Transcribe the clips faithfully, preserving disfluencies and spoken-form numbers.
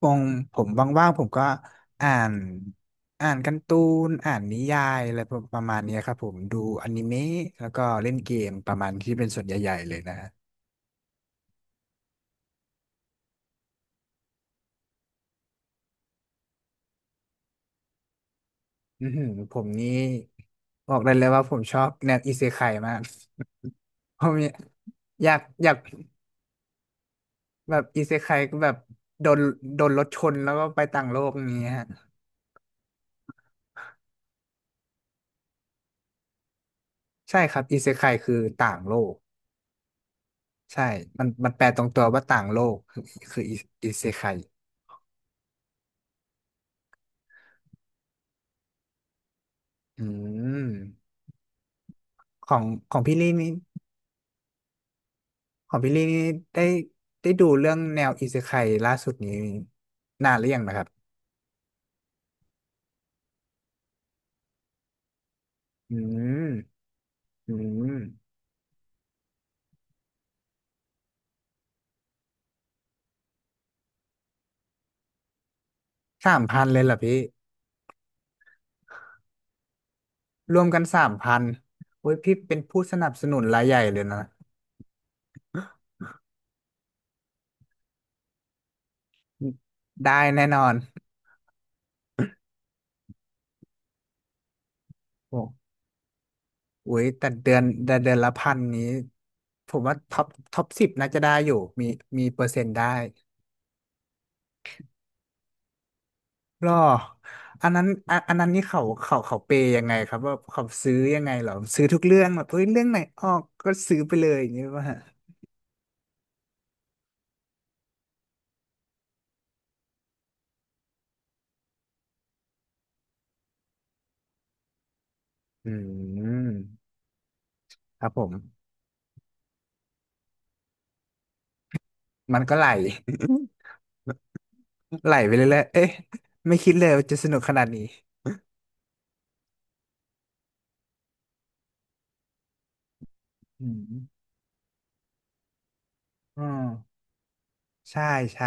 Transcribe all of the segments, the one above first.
ปงผมว่างๆผมก็อ่านอ่านการ์ตูนอ่านนิยายอะไรประมาณเนี้ยครับผมดูอนิเมะแล้วก็เล่นเกมประมาณที่เป็นส่วนใหญ่ๆเลยนะฮะอือหือผมนี่บอกได้เลยว่าผมชอบแนวอิเซไคมาก ผมอยากอยากแบบอิเซไคก็แบบโดนโดนรถชนแล้วก็ไปต่างโลกอย่างเงี้ยฮะใช่ครับอิเซไคคือต่างโลกใช่มันมันแปลตรงตัวว่าต่างโลกคือคืออิอิเซไคอืม ของของพี่ลี่นี่ของพี่ลี่นี่ได้ได้ดูเรื่องแนวอิเซไคล่าสุดนี้นานหรือยังนะครับอืมอืมสามพันเลยเหรอพี่รวมกันสามพันโอ้ยพี่เป็นผู้สนับสนุนรายใหญ่เลยนะได้แน่นอนโอ้โยแต่เดือนแต่เดือนละพันนี้ผมว่าท็อปท็อปสิบน่าจะได้อยู่มีมีเปอร์เซ็นต์ได้ หรออันนั้นอันอันนั้นนี่เขาเขาเขาเปย์ยังไงครับว่าเขาซื้อยังไงเหรอซื้อทุกเรื่องแบบเอ้ยเรื่องไหนออกก็ซื้อไปเลยอย่างนี้ป่ะฮะอืมครับผมมันก็ไหล ไหลไปเรื่อยๆเอ๊ะไม่คิดเลยว่าจะสนุกขนาดนี้อืมอ๋อใช่ใช่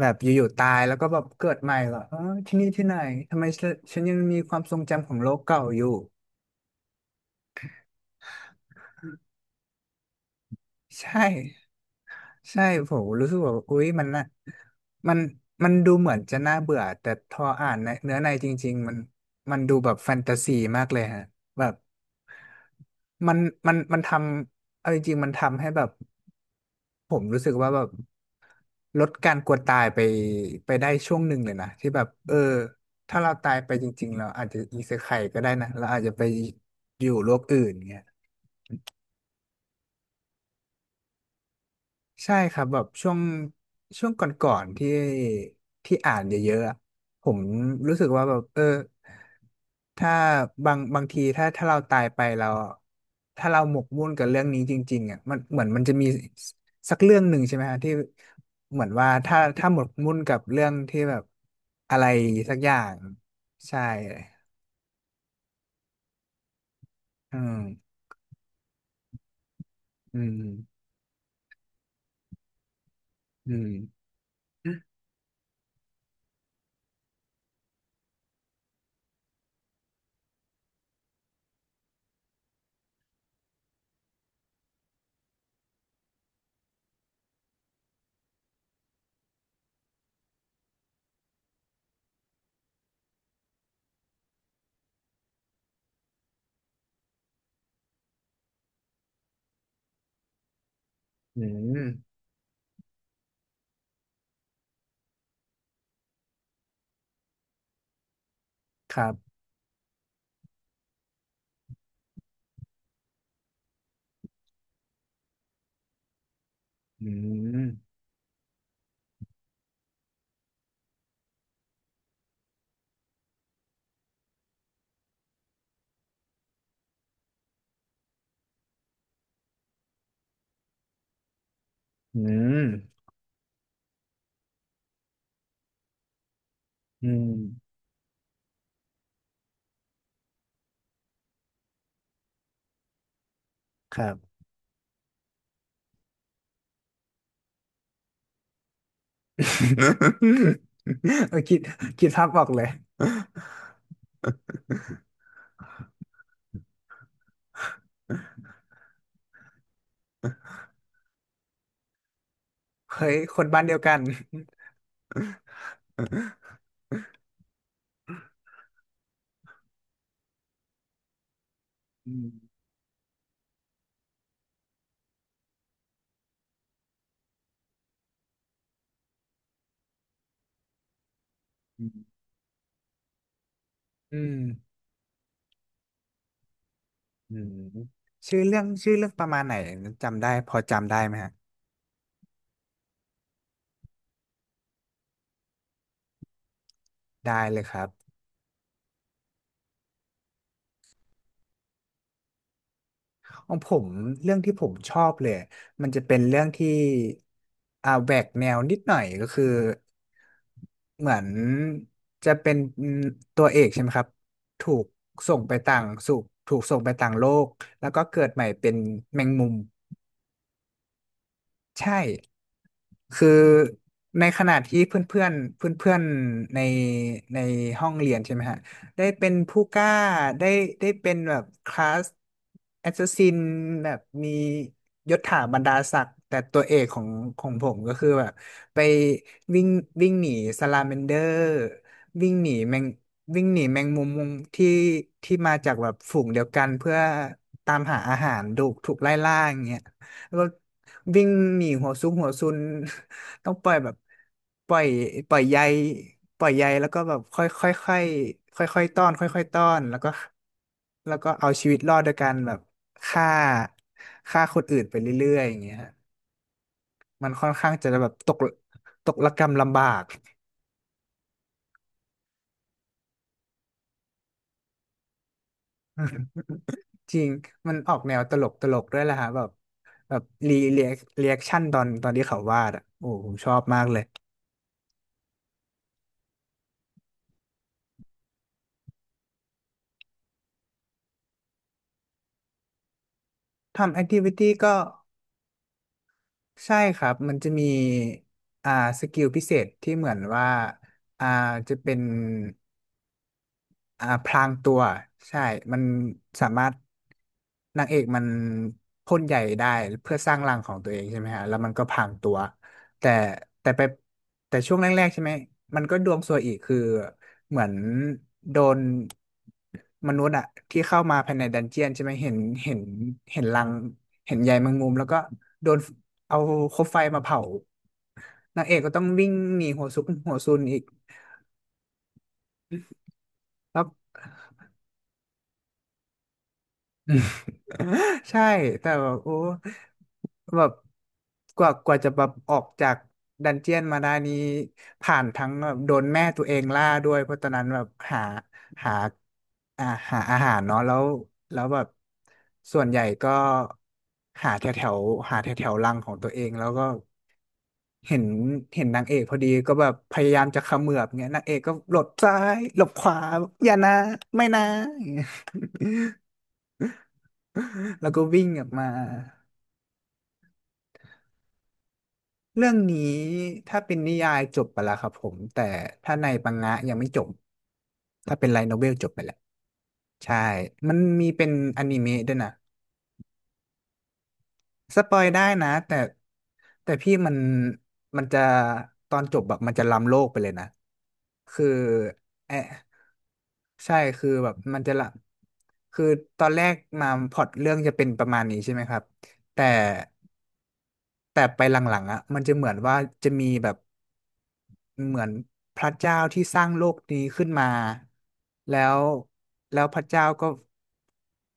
แบบอยู่ๆตายแล้วก็แบบเกิดใหม่เหรอเออที่นี่ที่ไหนทำไมฉันฉันยังมีความทรงจำของโลกเก่าอยู่ใช่ ใช่ผมรู้สึกว่าอุ๊ยมันน่ะมันมันดูเหมือนจะน่าเบื่อแต่พออ่านในเนื้อในจริงๆมันมันดูแบบแฟนตาซีมากเลยฮะแบบมันมันมันทำเอาจริงๆมันทำให้แบบผมรู้สึกว่าแบบลดการกลัวตายไปไปได้ช่วงหนึ่งเลยนะที่แบบเออถ้าเราตายไปจริงๆเราอาจจะอีเซไคก็ได้นะเราอาจจะไปอยู่โลกอื่นเงี้ย ใช่ครับแบบช่วงช่วงก่อนๆที่ที่อ่านเยอะๆอะผมรู้สึกว่าแบบเออถ้าบางบางทีถ้าถ้าเราตายไปเราถ้าเราหมกมุ่นกับเรื่องนี้จริงๆอ่ะมันเหมือนมันจะมีสักเรื่องหนึ่งใช่ไหมฮะที่เหมือนว่าถ้าถ้าหมกมุ่นกับเรื่องที่แบบอะไรสักอย่างใช่อืมอืมอืมอืมครับอืมอืมอืมครับ เออคิดคิดภาพออกเลยเฮ้ยคนบ้านเดียวกันอืมอืมอืมอืมชื่อเรื่องชื่อเรื่องประมาณไหนจำได้พอจำได้ไหมฮะได้เลยครับ ของผมเรื่องที่ผมชอบเลยมันจะเป็นเรื่องที่อ่าแหวกแนวนิดหน่อยก็คือเหมือนจะเป็นตัวเอกใช่ไหมครับถูกส่งไปต่างสู่ถูกส่งไปต่างโลกแล้วก็เกิดใหม่เป็นแมงมุม ใช่คือในขณะที่เพื่อนเพื่อนเพื่อนเพื่อนๆในในห้องเรียนใช่ไหมฮะได้เป็นผู้กล้าได้ได้เป็นแบบคลาสแอสซ s สซินแบบมียศถาบรรดาศักดิ์แต่ตัวเอกของของผมก็คือแบบไปวิ่งวิ่งหนีสลาแมนเดอร์วิ่งหนีแมงวิ่งหนีแมงมุมที่ที่มาจากแบบฝูงเดียวกันเพื่อตามหาอาหารถูกถูกไล่ล่าอย่างเงี้ยแล้ว วิ่งหนีหัวซุกหัวซุน ต้องปล่อยแบบปล่อยปล่อยใยปล่อยใยแล้วก็แบบค่อยค่อยค่อยค่อยค่อยๆต้อนค่อยค่อยต้อนแล้วก็แล้วก็เอาชีวิตรอดโดยการแบบฆ่าฆ่าคนอื่นไปเรื่อยๆอย่างเงี้ยฮะมันค่อนข้างจะแบบตกตกระกำลำบาก อืมจริงมันออกแนวตลกตลกด้วยแหละฮะแบบแบบรีเรียกรีแอคชั่นตอนตอนที่เขาวาดอ่ะโอ้ผมชอบมากเลยทำแอคทิวิตี้ก็ ใช่ครับมันจะมีอ่าสกิลพิเศษที่เหมือนว่าอ่าจะเป็น อ่าพรางตัวใช่มันสามารถนางเอกมันพ่นใหญ่ได้เพื่อสร้างรังของตัวเองใช่ไหมฮะแล้วมันก็พรางตัวแต่แต่ไปแต่ช่วงแรกๆใช่ไหมมันก็ดวงซวยอีกคือเหมือนโดนมนุษย์อะที่เข้ามาภายในดันเจียนใช่ไหมเห็นเห็นเห็นรังเห็นใยแมงมุมแล้วก็โดนเอาคบไฟมาเผานางเอกก็ต้องวิ่งหนีหัวซุกหัวซุนอีกแล้ว ใช่แต่แบบโอ้แบบกว่ากว่าจะแบบออกจากดันเจียนมาได้นี้ผ่านทั้งแบบโดนแม่ตัวเองล่าด้วยเพราะตอนนั้นแบบหาหาอ่าหาอาหารเนาะแล้วแล้วแบบส่วนใหญ่ก็หาแถวแถวหาแถวแถวรังของตัวเองแล้วก็เห็นเห็นนางเอกพอดีก็แบบพยายามจะเขมือบเงี้ยนางเอกก็หลบซ้ายหลบขวาอย่านะไม่นะ อย่างเงี้ยแล้วก็วิ่งออกมา เรื่องนี้ถ้าเป็นนิยายจบไปแล้วครับผมแต่ถ้าในปังงะยังไม่จบถ้าเป็นไลท์โนเวลจบไปแล้วใช่มันมีเป็นอนิเมะด้วยนะสปอยได้นะแต่แต่พี่มันมันจะตอนจบแบบมันจะล้ำโลกไปเลยนะคือแอะใช่คือแบบมันจะละคือตอนแรกมาพล็อตเรื่องจะเป็นประมาณนี้ใช่ไหมครับแต่แต่ไปหลังๆอ่ะมันจะเหมือนว่าจะมีแบบ เหมือนพระเจ้าที่สร้างโลกนี้ขึ้นมาแล้วแล้วพระเจ้าก็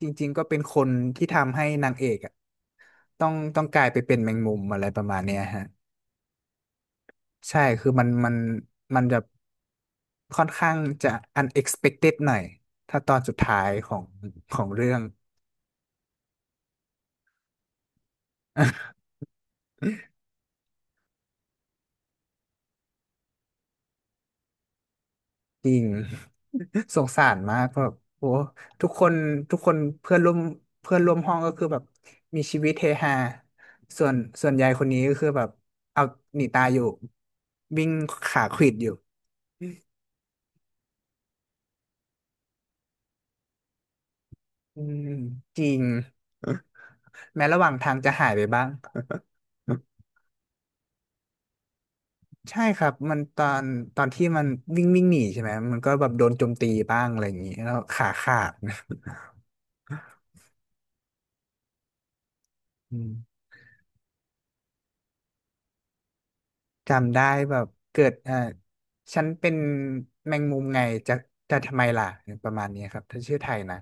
จริงๆก็เป็นคนที่ทำให้นางเอกอะต้องต้องกลายไปเป็นแมงมุมอะไรประมาณเนี้ยฮะใช่คือมันมันมันจะค่อนข้างจะ unexpected หน่อยถ้าตอนสุดท้ายของของเรื่อง จริง สงสารมากแบบโอ้ทุกคนทุกคนเพื่อนร่วมเพื่อนร่วมห้องก็คือแบบมีชีวิตเฮฮาส่วนส่วนยายคนนี้ก็คือแบบเอาหนีตายอยู่วิ่งขาขวิดอยู่อืมจริงแม้ระหว่างทางจะหายไปบ้างใช่ครับมันตอนตอนที่มันวิ่งวิ่งหนีใช่ไหมมันก็แบบโดนโจมตีบ้างอะไรอย่างนี้แล้วขาขาด อืม จำได้แบบเกิดเอ่อฉันเป็นแมงมุมไงจะจะทำไมล่ะประมาณนี้ครับถ้าชื่อไทยนะ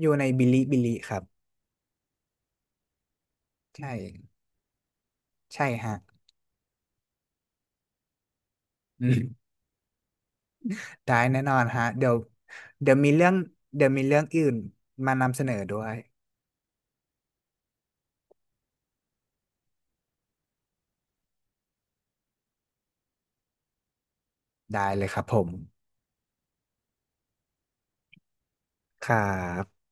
อยู่ในบิลิบิลิครับใช่ใช่ฮะอืมได้แน่นอนฮะเดี๋ยวเดี๋ยวมีเรื่องเดี๋ยวมีเรื่องอื่นมานำเสนอด้วยได้เลยครับผมครับ